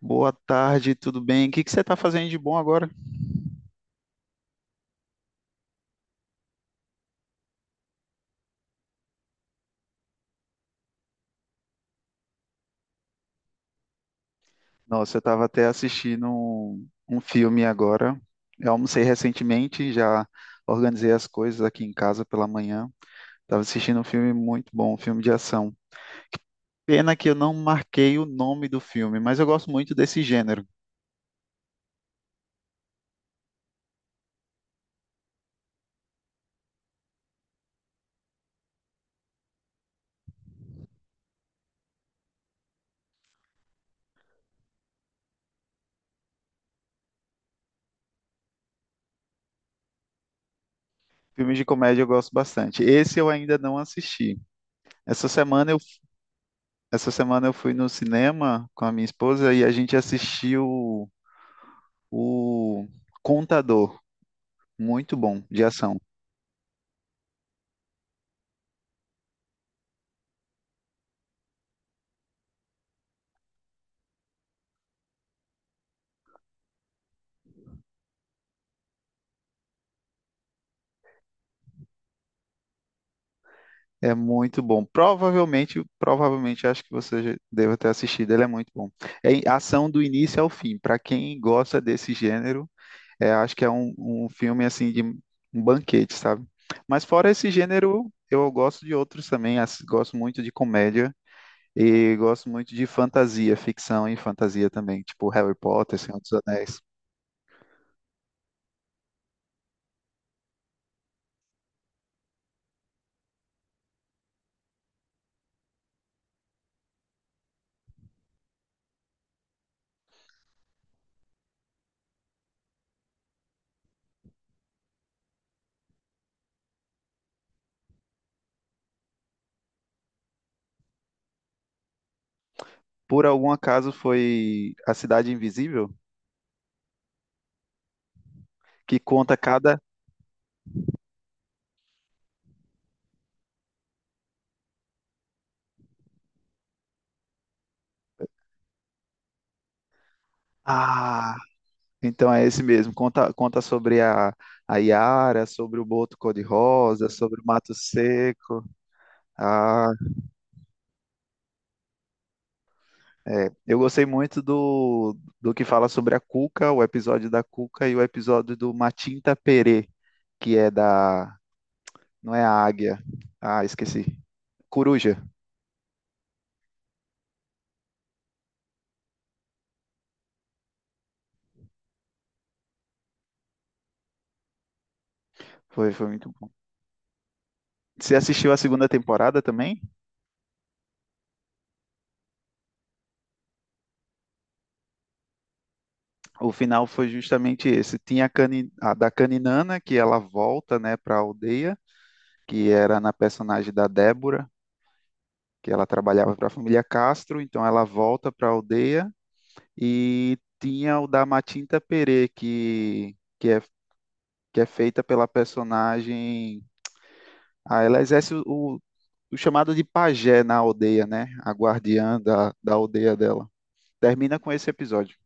Boa tarde, tudo bem? O que que você está fazendo de bom agora? Nossa, eu estava até assistindo um filme agora. Eu almocei recentemente, já organizei as coisas aqui em casa pela manhã. Estava assistindo um filme muito bom, um filme de ação. Pena que eu não marquei o nome do filme, mas eu gosto muito desse gênero. Filmes de comédia eu gosto bastante. Esse eu ainda não assisti. Essa semana eu, Essa semana eu fui no cinema com a minha esposa e a gente assistiu o Contador. Muito bom, de ação. É muito bom. Provavelmente acho que você já deva ter assistido. Ele é muito bom. Ação do início ao fim. Para quem gosta desse gênero, acho que é um filme assim de um banquete, sabe? Mas fora esse gênero, eu gosto de outros também. Gosto muito de comédia e gosto muito de fantasia, ficção e fantasia também, tipo Harry Potter, Senhor dos Anéis. Por algum acaso foi A Cidade Invisível, que conta cada. Ah, então é esse mesmo. Conta sobre a Yara, sobre o Boto Cor-de-Rosa, sobre o Mato Seco. Ah, é. Eu gostei muito do que fala sobre a Cuca, o episódio da Cuca e o episódio do Matinta Perê, que é da. Não é a águia. Ah, esqueci. Coruja. Foi muito bom. Você assistiu a segunda temporada também? O final foi justamente esse. Tinha a da Caninana, que ela volta, né, para a aldeia, que era na personagem da Débora, que ela trabalhava para a família Castro, então ela volta para a aldeia e tinha o da Matinta Perê, que é feita pela personagem. Ah, ela exerce o chamado de pajé na aldeia, né? A guardiã da aldeia dela. Termina com esse episódio.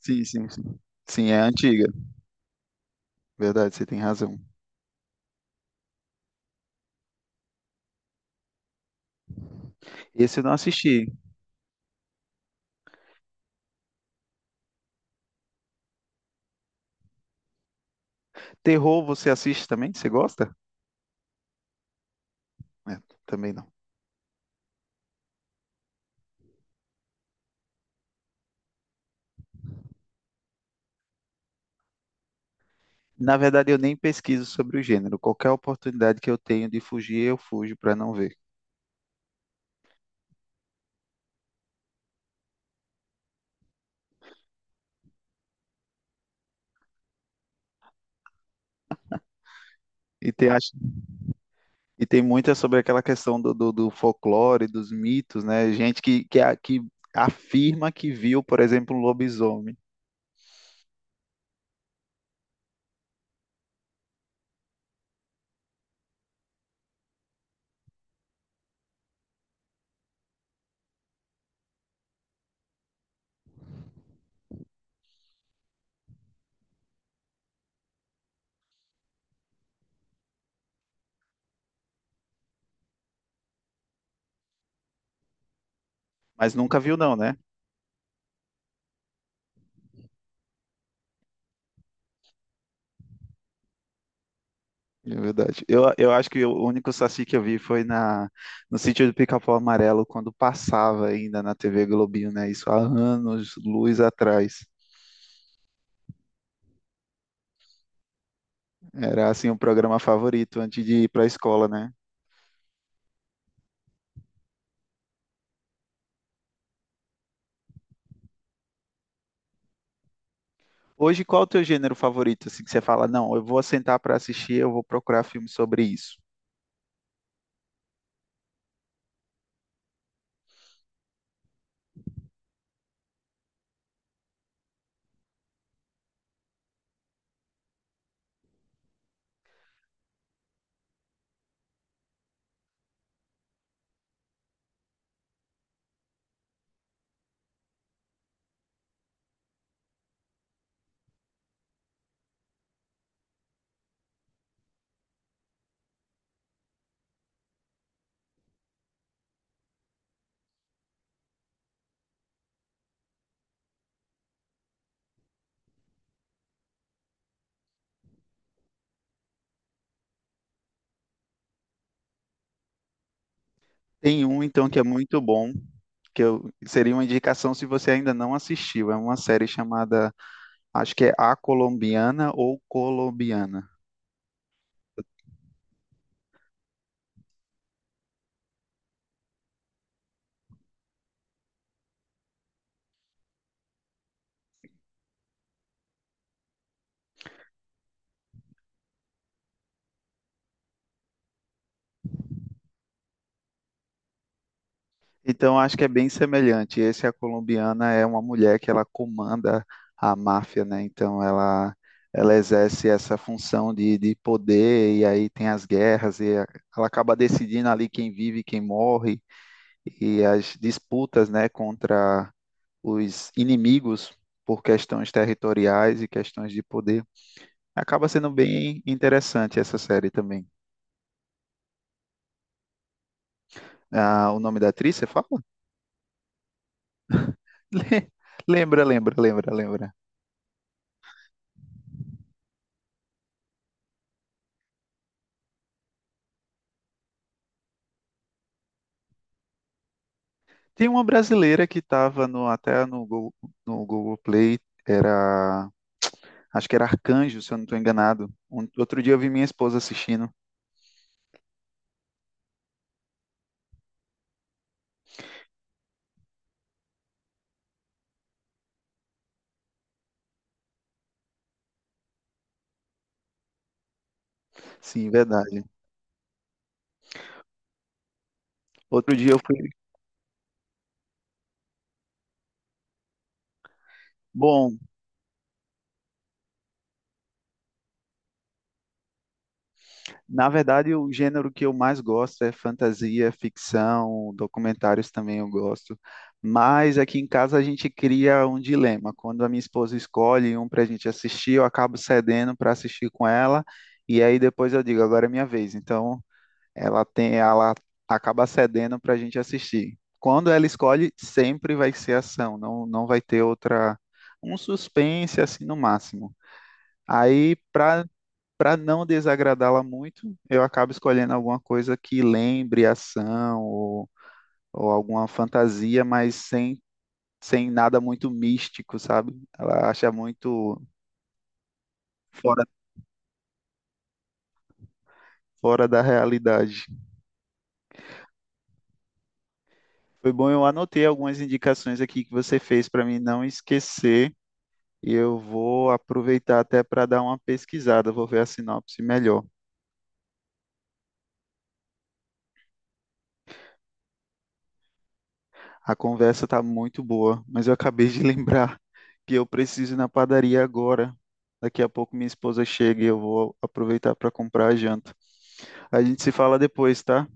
Sim, sim, sim. Sim, é antiga. Verdade, você tem razão. Esse eu não assisti. Terror, você assiste também? Você gosta? É, também não. Na verdade, eu nem pesquiso sobre o gênero. Qualquer oportunidade que eu tenho de fugir, eu fujo para não ver. E tem, acho- e tem muita sobre aquela questão do folclore, dos mitos, né? Gente que afirma que viu, por exemplo, um lobisomem, mas nunca viu, não, né? É verdade. Eu acho que o único saci que eu vi foi na, no sítio do Pica-Pau Amarelo, quando passava ainda na TV Globinho, né? Isso há anos, luz atrás. Era, assim, o programa favorito antes de ir para a escola, né? Hoje, qual é o teu gênero favorito? Assim, que você fala, não, eu vou sentar para assistir, eu vou procurar filme sobre isso. Tem um, então, que é muito bom, que eu, seria uma indicação se você ainda não assistiu. É uma série chamada, acho que é A Colombiana ou Colombiana. Então, acho que é bem semelhante. Esse, a colombiana, é uma mulher que ela comanda a máfia, né? Ela exerce essa função de poder, e aí tem as guerras, ela acaba decidindo ali quem vive e quem morre, e as disputas, né, contra os inimigos por questões territoriais e questões de poder. Acaba sendo bem interessante essa série também. Ah, o nome da atriz, você fala? Lembra, lembra, lembra, lembra. Tem uma brasileira que estava no, até no Google, no Google Play, era, acho que era Arcanjo, se eu não estou enganado. Outro dia eu vi minha esposa assistindo. Sim, verdade. Outro dia eu fui. Bom, na verdade o gênero que eu mais gosto é fantasia, ficção, documentários também eu gosto. Mas aqui em casa a gente cria um dilema. Quando a minha esposa escolhe um para a gente assistir, eu acabo cedendo para assistir com ela. E aí depois eu digo, agora é minha vez. Então ela tem, ela acaba cedendo para a gente assistir. Quando ela escolhe, sempre vai ser ação, não vai ter outra, um suspense assim no máximo. Aí, para Para não desagradá-la muito, eu acabo escolhendo alguma coisa que lembre ação ou alguma fantasia, mas sem, sem nada muito místico, sabe? Ela acha muito fora, fora da realidade. Foi bom, eu anotei algumas indicações aqui que você fez para mim não esquecer, e eu vou aproveitar até para dar uma pesquisada, vou ver a sinopse melhor. A conversa está muito boa, mas eu acabei de lembrar que eu preciso ir na padaria agora. Daqui a pouco minha esposa chega e eu vou aproveitar para comprar a janta. A gente se fala depois, tá?